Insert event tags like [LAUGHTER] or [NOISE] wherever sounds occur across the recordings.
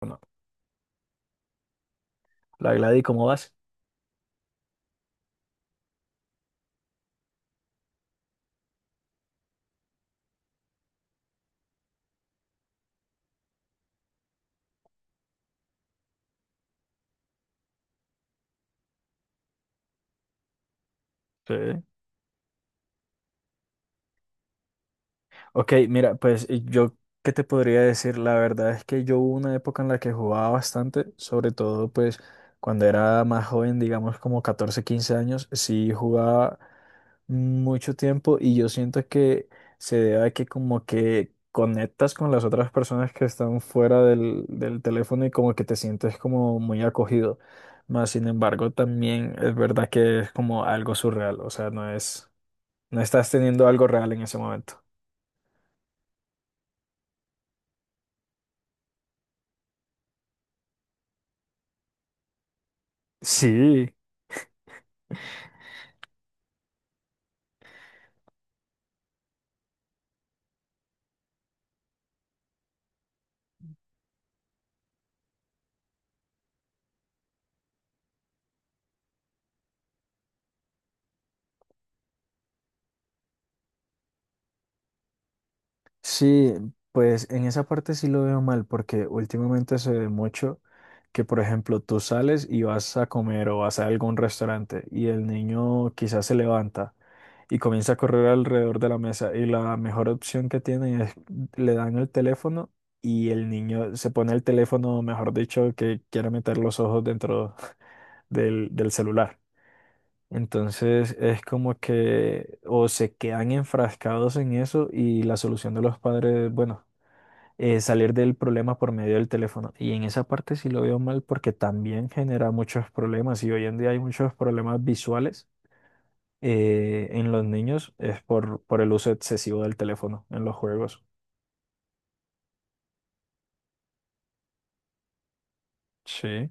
Bueno, la Gladys, ¿cómo vas? Sí. Ok, mira, pues y yo, ¿qué te podría decir? La verdad es que yo hubo una época en la que jugaba bastante, sobre todo pues cuando era más joven, digamos como 14, 15 años, sí jugaba mucho tiempo y yo siento que se debe a que como que conectas con las otras personas que están fuera del teléfono y como que te sientes como muy acogido. Más sin embargo, también es verdad que es como algo surreal, o sea, No estás teniendo algo real en ese momento. Sí, sí, pues en esa parte sí lo veo mal, porque últimamente se ve mucho que, por ejemplo, tú sales y vas a comer o vas a algún restaurante y el niño quizás se levanta y comienza a correr alrededor de la mesa y la mejor opción que tienen es le dan el teléfono y el niño se pone el teléfono, mejor dicho, que quiere meter los ojos dentro [LAUGHS] del celular. Entonces es como que o se quedan enfrascados en eso y la solución de los padres, bueno, es salir del problema por medio del teléfono. Y en esa parte sí lo veo mal porque también genera muchos problemas y hoy en día hay muchos problemas visuales en los niños es por el uso excesivo del teléfono en los juegos. Sí.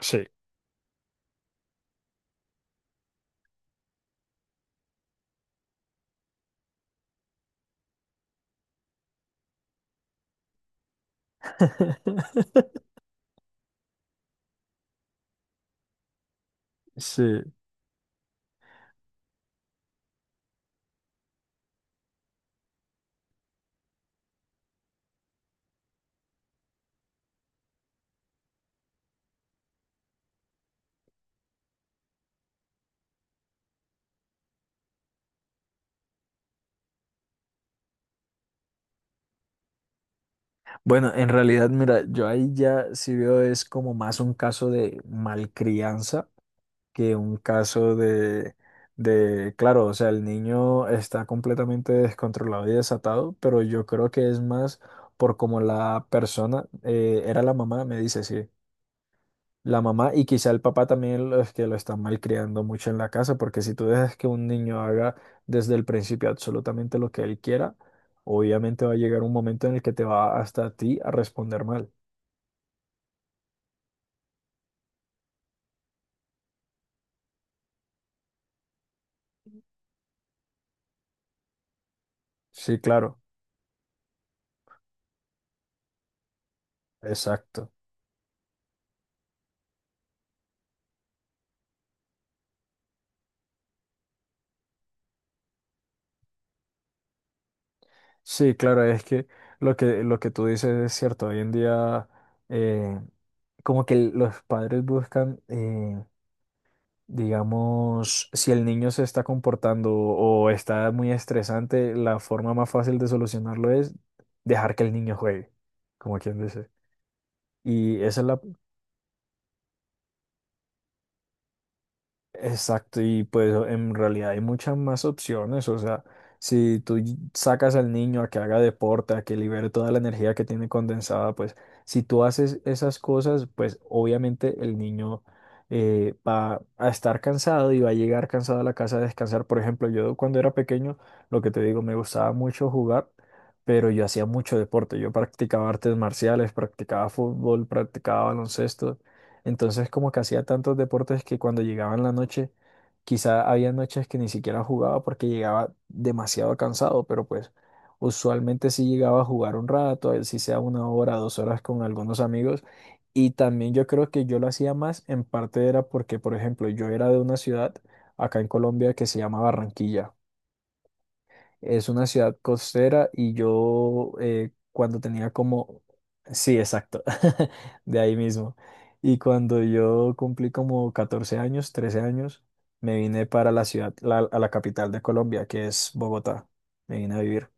Sí. [LAUGHS] Sí. Bueno, en realidad, mira, yo ahí ya sí veo es como más un caso de malcrianza que un caso de, claro, o sea, el niño está completamente descontrolado y desatado, pero yo creo que es más por como la persona, era la mamá, me dice, sí, la mamá y quizá el papá también los que lo están malcriando mucho en la casa, porque si tú dejas que un niño haga desde el principio absolutamente lo que él quiera, obviamente va a llegar un momento en el que te va hasta a ti a responder mal. Sí, claro, exacto. Sí, claro, es que, lo que tú dices es cierto. Hoy en día, eh, como que los padres buscan, digamos, si el niño se está comportando o está muy estresante, la forma más fácil de solucionarlo es dejar que el niño juegue, como quien dice. Y esa es la, Exacto, y pues en realidad hay muchas más opciones, o sea, si tú sacas al niño a que haga deporte, a que libere toda la energía que tiene condensada, pues si tú haces esas cosas, pues obviamente el niño va a estar cansado y va a llegar cansado a la casa a descansar. Por ejemplo, yo cuando era pequeño, lo que te digo, me gustaba mucho jugar, pero yo hacía mucho deporte, yo practicaba artes marciales, practicaba fútbol, practicaba baloncesto. Entonces, como que hacía tantos deportes que cuando llegaba en la noche, quizá había noches que ni siquiera jugaba porque llegaba demasiado cansado, pero pues usualmente sí llegaba a jugar un rato, así sea una hora, dos horas con algunos amigos. Y también yo creo que yo lo hacía más, en parte era porque, por ejemplo, yo era de una ciudad acá en Colombia que se llama Barranquilla. Es una ciudad costera y yo cuando tenía como... Sí, exacto, [LAUGHS] de ahí mismo. Y cuando yo cumplí como 14 años, 13 años, me vine para la ciudad, a la capital de Colombia, que es Bogotá. Me vine a vivir.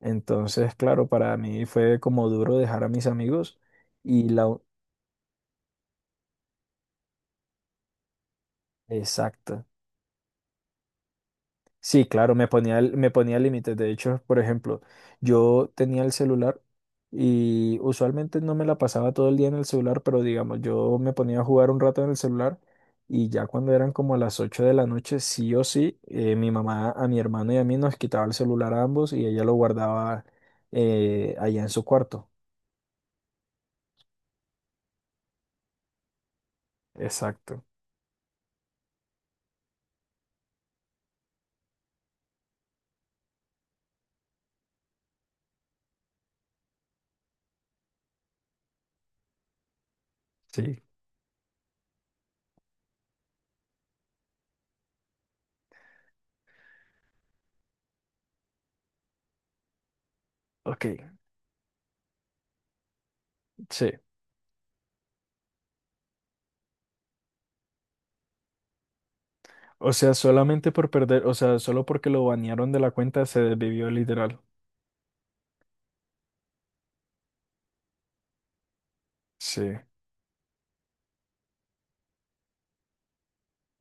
Entonces, claro, para mí fue como duro dejar a mis amigos y la... u- Exacto. Sí, claro, me ponía, me ponía límites. De hecho, por ejemplo, yo tenía el celular y usualmente no me la pasaba todo el día en el celular, pero digamos, yo me ponía a jugar un rato en el celular y ya cuando eran como a las 8 de la noche, sí o sí, mi mamá a mi hermano y a mí nos quitaba el celular a ambos y ella lo guardaba allá en su cuarto. Exacto. Sí. Ok, sí. O sea, solamente por perder, o sea, solo porque lo banearon de la cuenta se desvivió literal. Sí.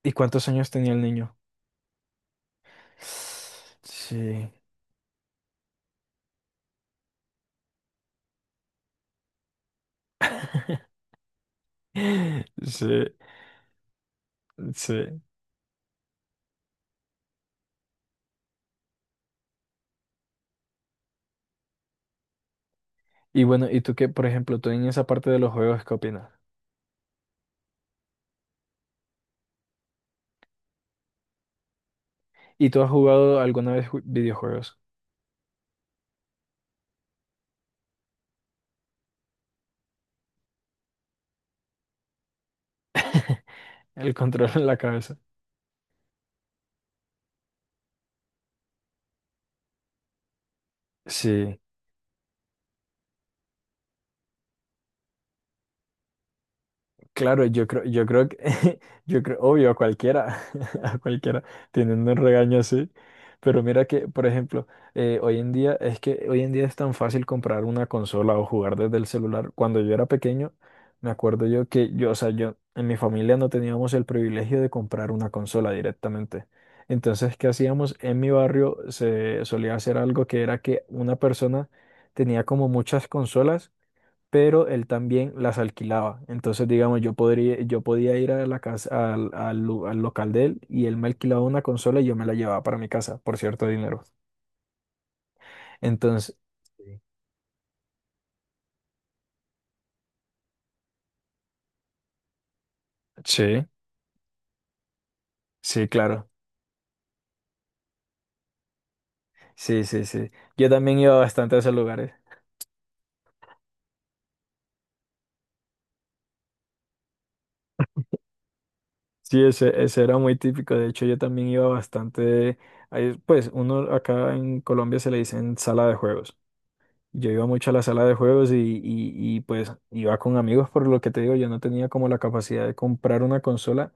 ¿Y cuántos años tenía el niño? Sí, [GASPS] [LAUGHS] sí, sí. Y bueno, ¿y tú qué, por ejemplo, tú en esa parte de los juegos, qué opinas? ¿Y tú has jugado alguna vez videojuegos? [LAUGHS] El control en la cabeza. Sí. Claro, yo creo que, [LAUGHS] yo creo, obvio, a cualquiera, [LAUGHS] a cualquiera, teniendo un regaño así. Pero mira que, por ejemplo, es que hoy en día es tan fácil comprar una consola o jugar desde el celular. Cuando yo era pequeño, me acuerdo yo que yo, o sea, yo, en mi familia no teníamos el privilegio de comprar una consola directamente. Entonces, ¿qué hacíamos? En mi barrio se solía hacer algo que era que una persona tenía como muchas consolas pero él también las alquilaba. Entonces, digamos, yo podría, yo podía ir a la casa, al local de él y él me alquilaba una consola y yo me la llevaba para mi casa por cierto dinero. Entonces, sí. Sí, sí, claro. Sí, sí, sí. Yo también iba bastante a esos lugares. Sí, ese era muy típico. De hecho, yo también iba bastante, ahí, pues uno acá en Colombia se le dicen sala de juegos. Yo iba mucho a la sala de juegos y, pues iba con amigos, por lo que te digo, yo no tenía como la capacidad de comprar una consola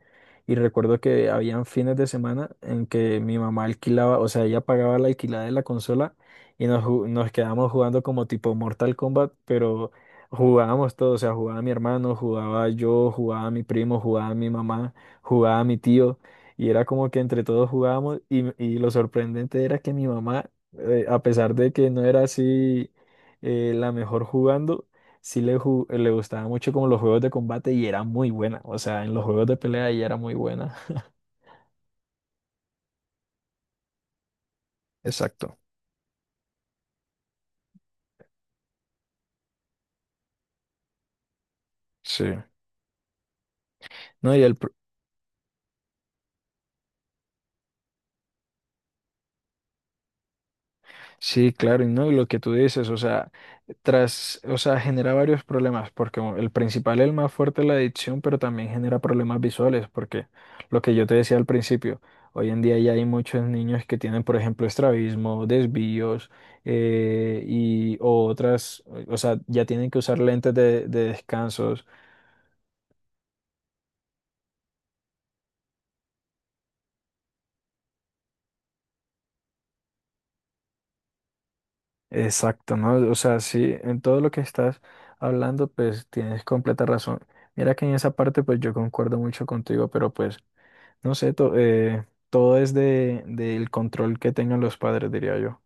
y recuerdo que habían fines de semana en que mi mamá alquilaba, o sea, ella pagaba la alquilada de la consola y nos quedábamos jugando como tipo Mortal Kombat, pero jugábamos todo o sea, jugaba mi hermano, jugaba yo, jugaba mi primo, jugaba mi mamá, jugaba mi tío y era como que entre todos jugábamos y lo sorprendente era que mi mamá, a pesar de que no era así, la mejor jugando, sí le gustaba mucho como los juegos de combate y era muy buena. O sea, en los juegos de pelea ella era muy buena. Exacto. Sí. No, Sí, claro, y no, y lo que tú dices, o sea, o sea, genera varios problemas, porque el principal, el más fuerte es la adicción, pero también genera problemas visuales, porque lo que yo te decía al principio, hoy en día ya hay muchos niños que tienen, por ejemplo, estrabismo, desvíos, y o otras, o sea, ya tienen que usar lentes de descansos. Exacto, ¿no? O sea, sí, en todo lo que estás hablando, pues tienes completa razón. Mira que en esa parte, pues yo concuerdo mucho contigo, pero pues no sé, todo es del control que tengan los padres, diría yo.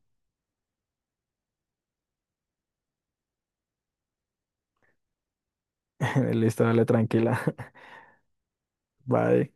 [LAUGHS] Listo, dale tranquila. [LAUGHS] Bye.